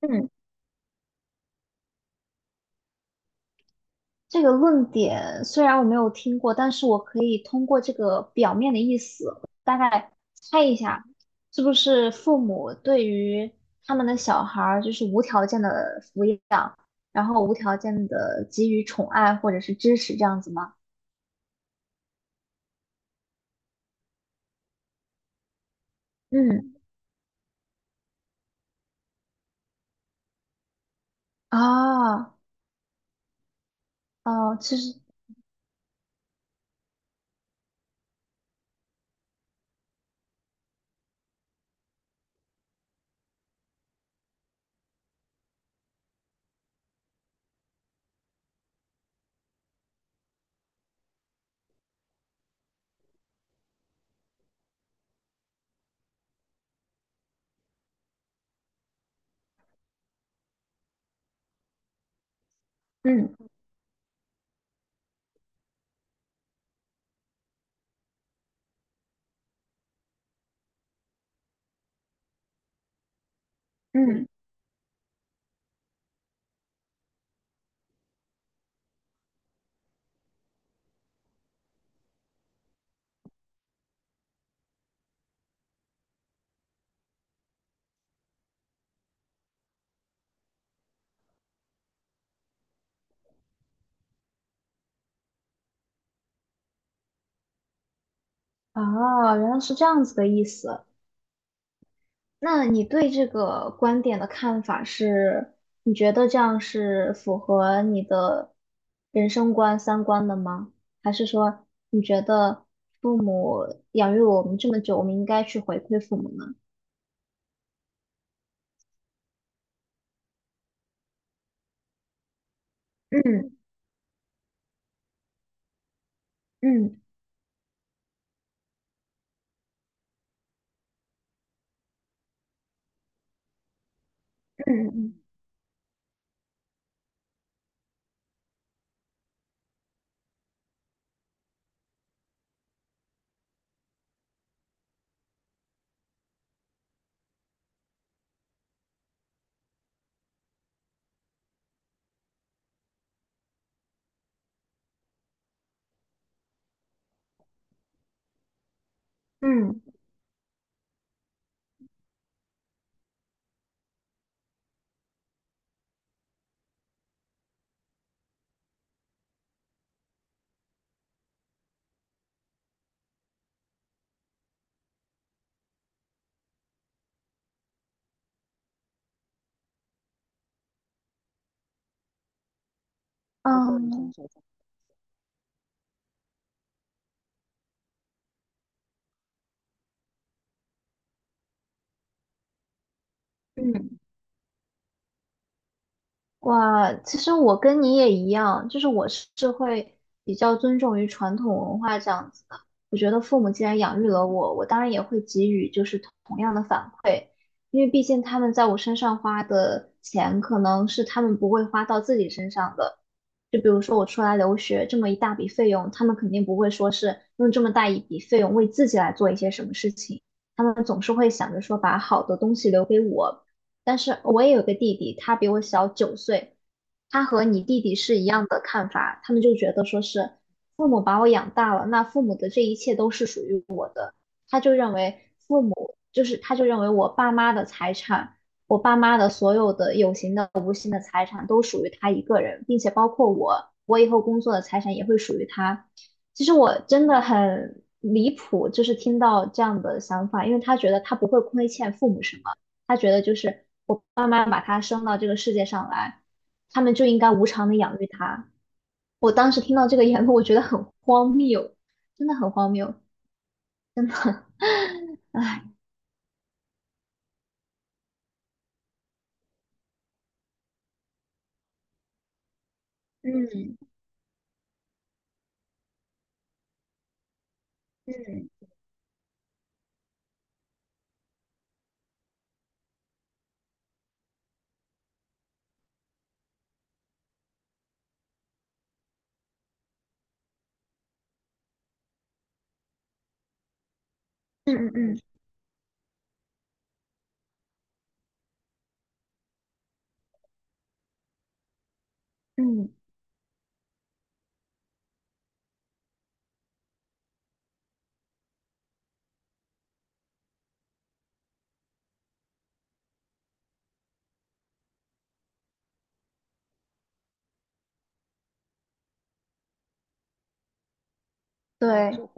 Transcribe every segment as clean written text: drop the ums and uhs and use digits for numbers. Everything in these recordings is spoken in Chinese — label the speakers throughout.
Speaker 1: 嗯，这个论点虽然我没有听过，但是我可以通过这个表面的意思，大概猜一下，是不是父母对于他们的小孩儿就是无条件的抚养，然后无条件的给予宠爱或者是支持这样子吗？嗯，啊，哦，其实，嗯嗯，啊，原来是这样子的意思。那你对这个观点的看法是，你觉得这样是符合你的人生观、三观的吗？还是说你觉得父母养育我们这么久，我们应该去回馈父母呢？嗯嗯嗯嗯，嗯嗯嗯。哇，其实我跟你也一样，就是我是会比较尊重于传统文化这样子的。我觉得父母既然养育了我，我当然也会给予就是同样的反馈，因为毕竟他们在我身上花的钱，可能是他们不会花到自己身上的。就比如说我出来留学这么一大笔费用，他们肯定不会说是用这么大一笔费用为自己来做一些什么事情，他们总是会想着说把好的东西留给我。但是我也有个弟弟，他比我小9岁，他和你弟弟是一样的看法，他们就觉得说是父母把我养大了，那父母的这一切都是属于他就认为父母就是他就认为我爸妈的财产，我爸妈的所有的有形的、无形的财产都属于他一个人，并且包括我，我以后工作的财产也会属于他。其实我真的很离谱，就是听到这样的想法，因为他觉得他不会亏欠父母什么，他觉得就是我爸妈把他生到这个世界上来，他们就应该无偿的养育他。我当时听到这个言论，我觉得很荒谬，真的很荒谬。真的，哎，嗯嗯嗯嗯嗯，嗯，对，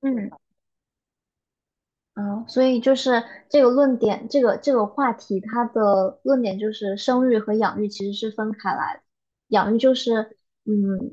Speaker 1: 嗯嗯，所以就是这个论点，这个话题，它的论点就是生育和养育其实是分开来的。养育就是，嗯，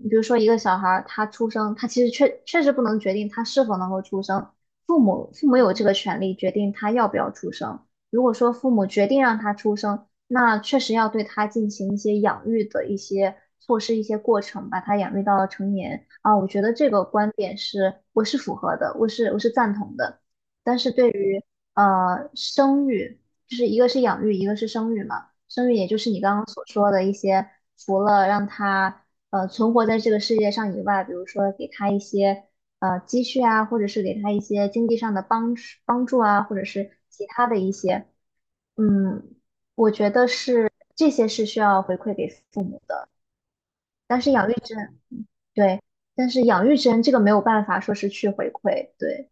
Speaker 1: 比如说一个小孩儿他出生，他其实确实不能决定他是否能够出生，父母有这个权利决定他要不要出生。如果说父母决定让他出生，那确实要对他进行一些养育的一些措施、一些过程，把他养育到成年啊。我觉得这个观点是我是符合的，我是赞同的。但是对于生育，就是一个是养育，一个是生育嘛。生育也就是你刚刚所说的一些，除了让他存活在这个世界上以外，比如说给他一些积蓄啊，或者是给他一些经济上的帮助啊，或者是其他的一些，嗯，我觉得是这些是需要回馈给父母的。但是养育之恩，对，但是养育之恩这个没有办法说是去回馈，对，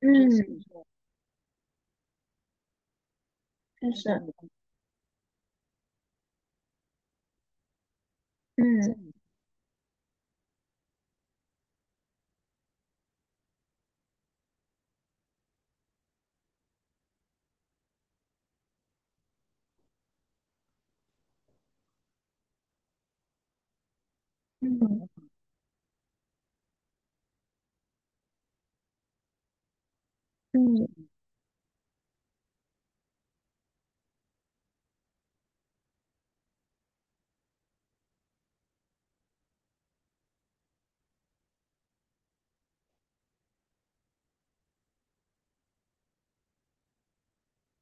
Speaker 1: 嗯，嗯。嗯嗯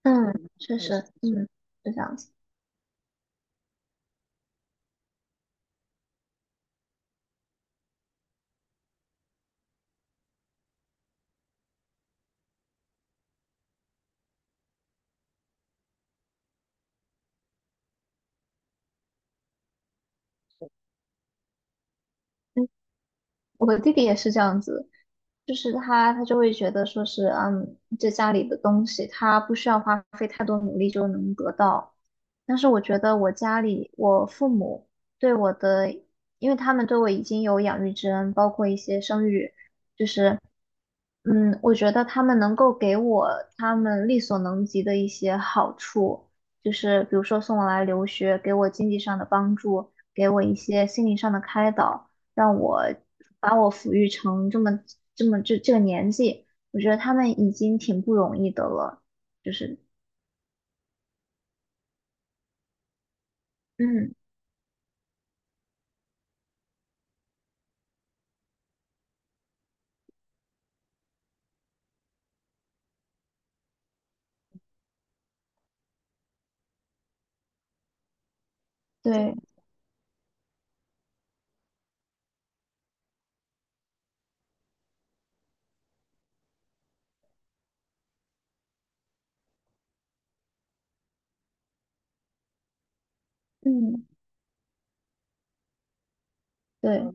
Speaker 1: 嗯，确实，嗯，是这样子。嗯，我的弟弟也是这样子，就是他就会觉得说是，这家里的东西他不需要花费太多努力就能得到。但是我觉得我家里我父母对我的，因为他们对我已经有养育之恩，包括一些生育，就是我觉得他们能够给我他们力所能及的一些好处，就是比如说送我来留学，给我经济上的帮助，给我一些心灵上的开导，让我把我抚育成这么这么这这个年纪，我觉得他们已经挺不容易的了，就是嗯，对，嗯，对，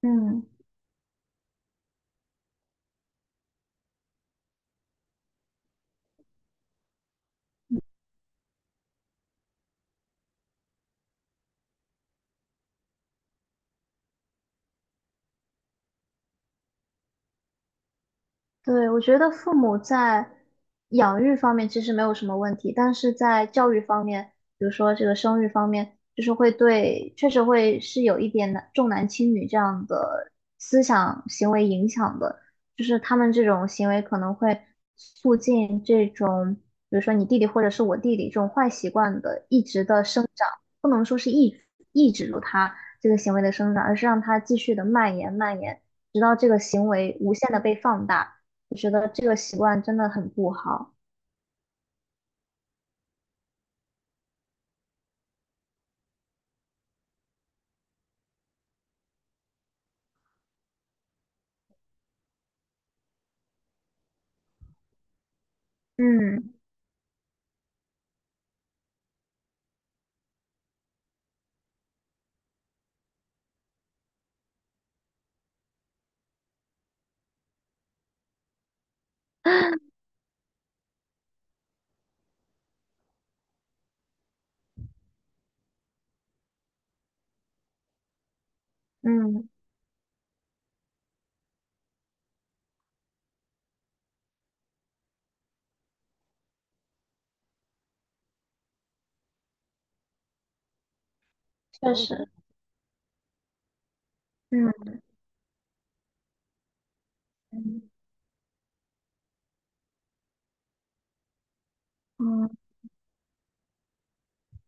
Speaker 1: 嗯。对，我觉得父母在养育方面其实没有什么问题，但是在教育方面，比如说这个生育方面，就是会对，确实会是有一点重男轻女这样的思想行为影响的，就是他们这种行为可能会促进这种，比如说你弟弟或者是我弟弟这种坏习惯的一直的生长，不能说是抑制住他这个行为的生长，而是让他继续的蔓延蔓延，直到这个行为无限的被放大。我觉得这个习惯真的很不好。嗯嗯，确实，嗯嗯嗯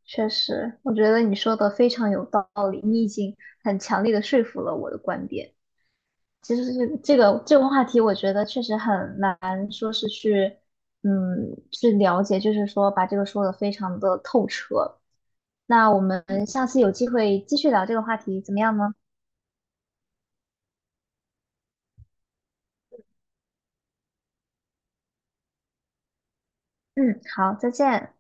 Speaker 1: 确实，我觉得你说的非常有道理，你已经很强烈的说服了我的观点。其实这个话题，我觉得确实很难说是去去了解，就是说把这个说的非常的透彻。那我们下次有机会继续聊这个话题，怎么样呢？嗯，好，再见。